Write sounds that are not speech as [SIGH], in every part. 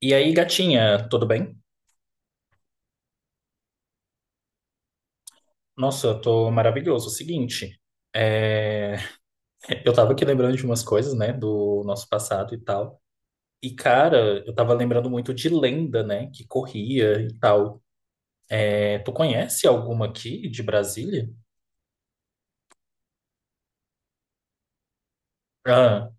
E aí, gatinha, tudo bem? Nossa, eu tô maravilhoso. Seguinte, é, [LAUGHS] eu tava aqui lembrando de umas coisas, né, do nosso passado e tal. E, cara, eu tava lembrando muito de lenda, né, que corria e tal. É, tu conhece alguma aqui de Brasília? Ah,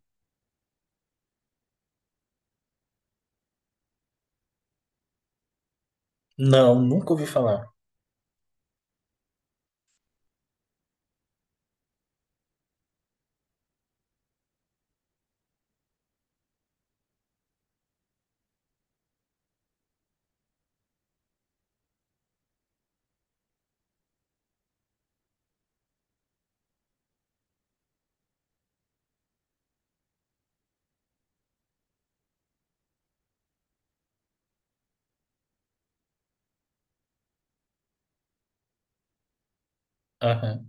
não, nunca ouvi falar. Aham.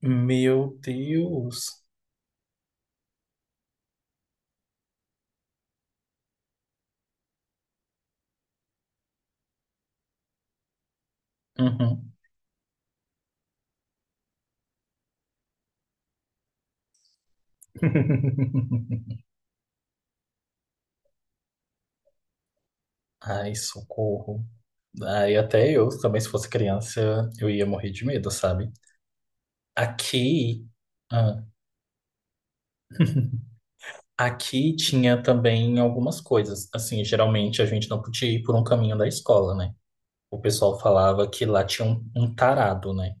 Meu Deus. Uhum. [LAUGHS] Ai, socorro. Aí até eu também, se fosse criança, eu ia morrer de medo, sabe? Aqui. ah, Aqui tinha também algumas coisas. Assim, geralmente a gente não podia ir por um caminho da escola, né? O pessoal falava que lá tinha um tarado, né?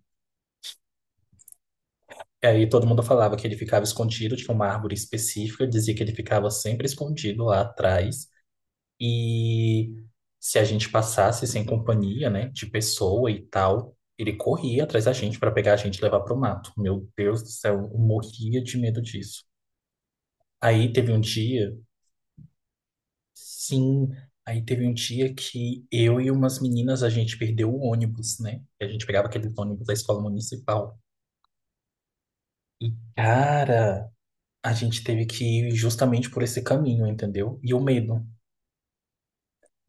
E aí todo mundo falava que ele ficava escondido, tinha uma árvore específica, dizia que ele ficava sempre escondido lá atrás. E se a gente passasse sem companhia, né, de pessoa e tal, ele corria atrás da gente para pegar a gente e levar pro mato. Meu Deus do céu, eu morria de medo disso. Aí teve um dia. Sim, aí teve um dia que eu e umas meninas a gente perdeu o ônibus, né? A gente pegava aquele ônibus da escola municipal. E, cara, a gente teve que ir justamente por esse caminho, entendeu? E o medo.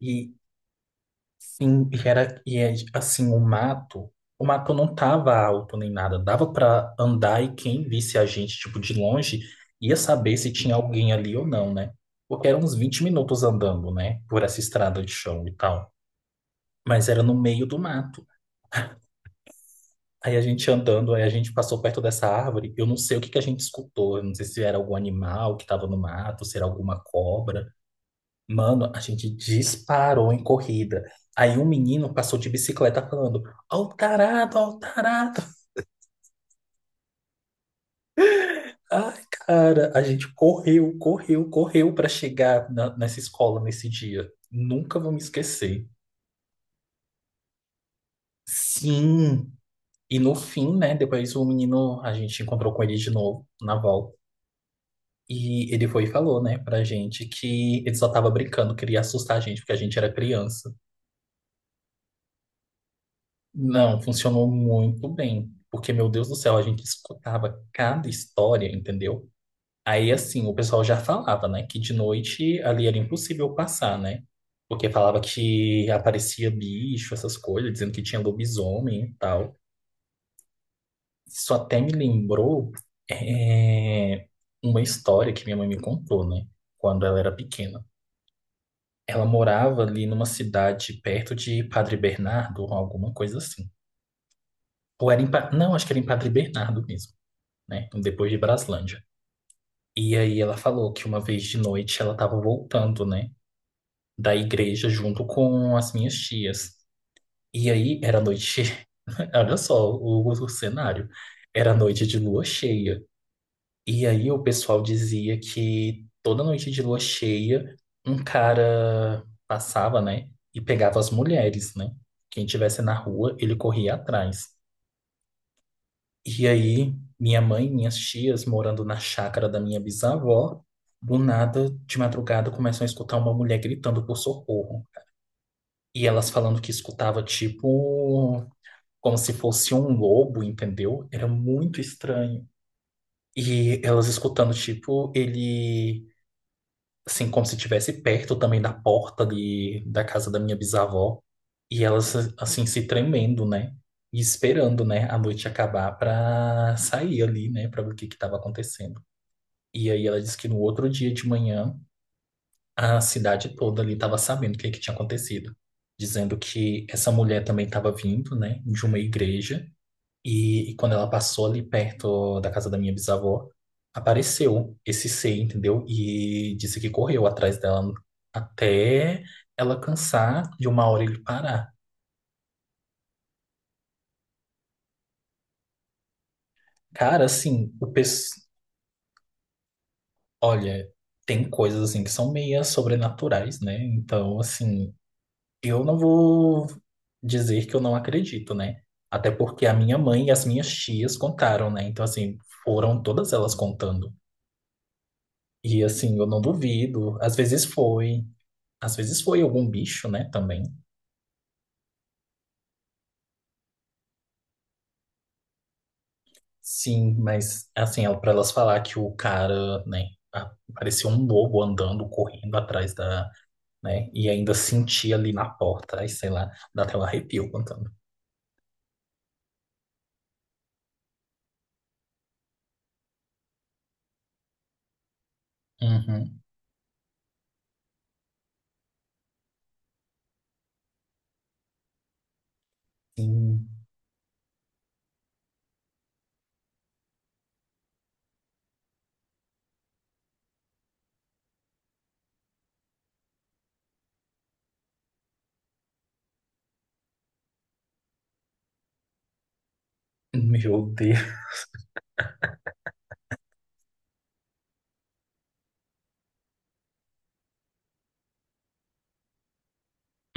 E sim, e era e é, assim, o mato não tava alto nem nada, dava pra andar e quem visse a gente tipo de longe ia saber se tinha alguém ali ou não, né? Porque eram uns 20 minutos andando, né, por essa estrada de chão e tal. Mas era no meio do mato. Aí a gente andando, aí a gente passou perto dessa árvore. Eu não sei o que que a gente escutou. Eu não sei se era algum animal que estava no mato, se era alguma cobra. Mano, a gente disparou em corrida. Aí um menino passou de bicicleta falando: Ó o tarado, ó o tarado. Ai, cara, a gente correu, correu, correu para chegar nessa escola nesse dia. Nunca vou me esquecer. Sim. E no fim, né? Depois o menino, a gente encontrou com ele de novo na volta. E ele foi e falou, né, pra gente que ele só tava brincando, queria assustar a gente, porque a gente era criança. Não, funcionou muito bem. Porque, meu Deus do céu, a gente escutava cada história, entendeu? Aí, assim, o pessoal já falava, né, que de noite ali era impossível passar, né? Porque falava que aparecia bicho, essas coisas, dizendo que tinha lobisomem e tal. Isso até me lembrou, é, uma história que minha mãe me contou, né, quando ela era pequena. Ela morava ali numa cidade perto de Padre Bernardo, ou alguma coisa assim. Ou era em, não, acho que era em Padre Bernardo mesmo, né? Depois de Braslândia. E aí ela falou que uma vez de noite ela estava voltando, né, da igreja junto com as minhas tias. E aí era noite, [LAUGHS] olha só o cenário. Era noite de lua cheia. E aí o pessoal dizia que toda noite de lua cheia, um cara passava, né, e pegava as mulheres, né? Quem tivesse na rua, ele corria atrás. E aí minha mãe e minhas tias, morando na chácara da minha bisavó, do nada, de madrugada, começam a escutar uma mulher gritando por socorro. E elas falando que escutava tipo como se fosse um lobo, entendeu? Era muito estranho. E elas escutando, tipo, ele assim, como se estivesse perto também da porta de, da casa da minha bisavó. E elas, assim, se tremendo, né? E esperando, né, a noite acabar pra sair ali, né, pra ver o que que tava acontecendo. E aí ela disse que no outro dia de manhã, a cidade toda ali tava sabendo o que que tinha acontecido. Dizendo que essa mulher também tava vindo, né, de uma igreja e quando ela passou ali perto da casa da minha bisavó, apareceu esse ser, entendeu? E disse que correu atrás dela até ela cansar de uma hora ele parar. Cara, assim, olha, tem coisas assim que são meia sobrenaturais, né? Então, assim, eu não vou dizer que eu não acredito, né? Até porque a minha mãe e as minhas tias contaram, né? Então, assim, foram todas elas contando. E assim, eu não duvido. Às vezes foi. Às vezes foi algum bicho, né, também. Sim, mas assim, pra elas falar que o cara, né, parecia um lobo andando, correndo atrás da, né, e ainda sentia ali na porta, aí sei lá, dá até um arrepio contando. Uhum. Sim. Meu Deus.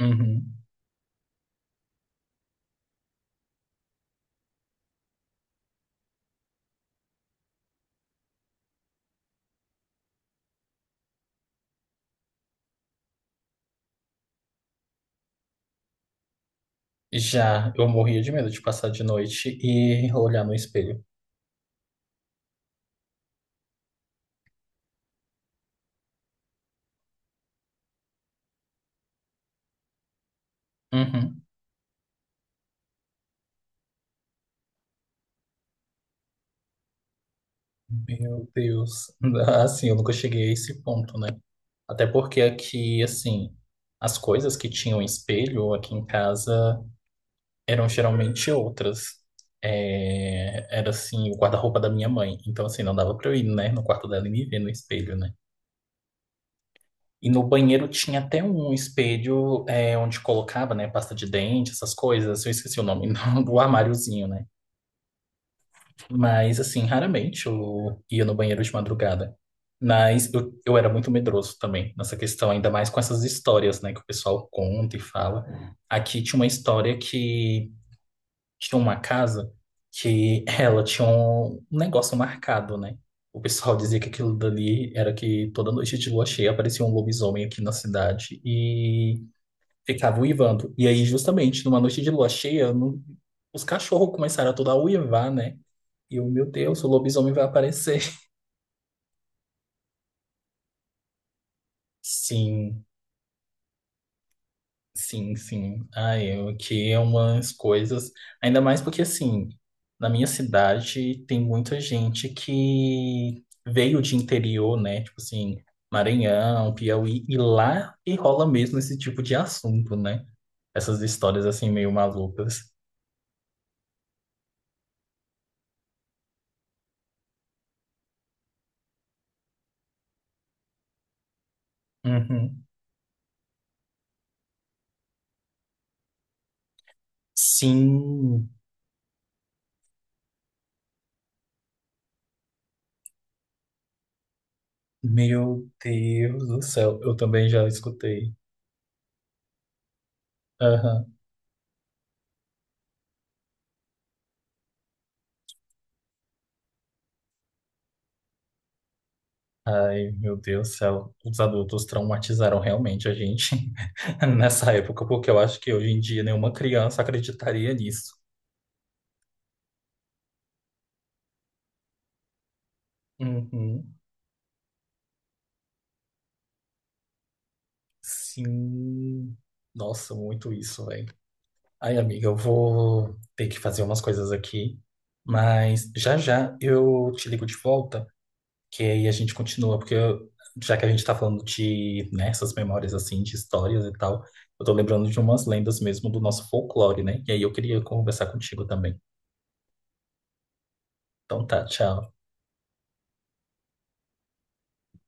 Uhum. Já, eu morria de medo de passar de noite e olhar no espelho. Uhum. Meu Deus. [LAUGHS] Assim, eu nunca cheguei a esse ponto, né? Até porque aqui, assim, as coisas que tinham espelho aqui em casa eram geralmente outras. É, era, assim, o guarda-roupa da minha mãe. Então, assim, não dava pra eu ir, né, no quarto dela e me ver no espelho, né? E no banheiro tinha até um espelho onde colocava, né, pasta de dente, essas coisas. Eu esqueci o nome, [LAUGHS] do armáriozinho, né? Mas, assim, raramente eu ia no banheiro de madrugada. Mas eu era muito medroso também nessa questão, ainda mais com essas histórias, né, que o pessoal conta e fala. Aqui tinha uma história que tinha uma casa que ela tinha um negócio marcado, né? O pessoal dizia que aquilo dali era que toda noite de lua cheia aparecia um lobisomem aqui na cidade e ficava uivando. E aí, justamente, numa noite de lua cheia, os cachorros começaram a toda a uivar, né? E eu, meu Deus, o lobisomem vai aparecer. Sim, sim, sim. Ai, eu que é umas coisas. Ainda mais porque, assim, na minha cidade tem muita gente que veio de interior, né? Tipo assim, Maranhão, Piauí, e lá que rola mesmo esse tipo de assunto, né? Essas histórias, assim, meio malucas. Uhum. Sim, meu Deus do céu, eu também já escutei. Aham. Ai, meu Deus do céu, os adultos traumatizaram realmente a gente [LAUGHS] nessa época, porque eu acho que hoje em dia nenhuma criança acreditaria nisso. Uhum. Sim. Nossa, muito isso, velho. Ai, amiga, eu vou ter que fazer umas coisas aqui, mas já já eu te ligo de volta, que aí a gente continua, porque já que a gente tá falando de, né, essas memórias assim, de histórias e tal, eu tô lembrando de umas lendas mesmo do nosso folclore, né? E aí eu queria conversar contigo também. Então tá, tchau.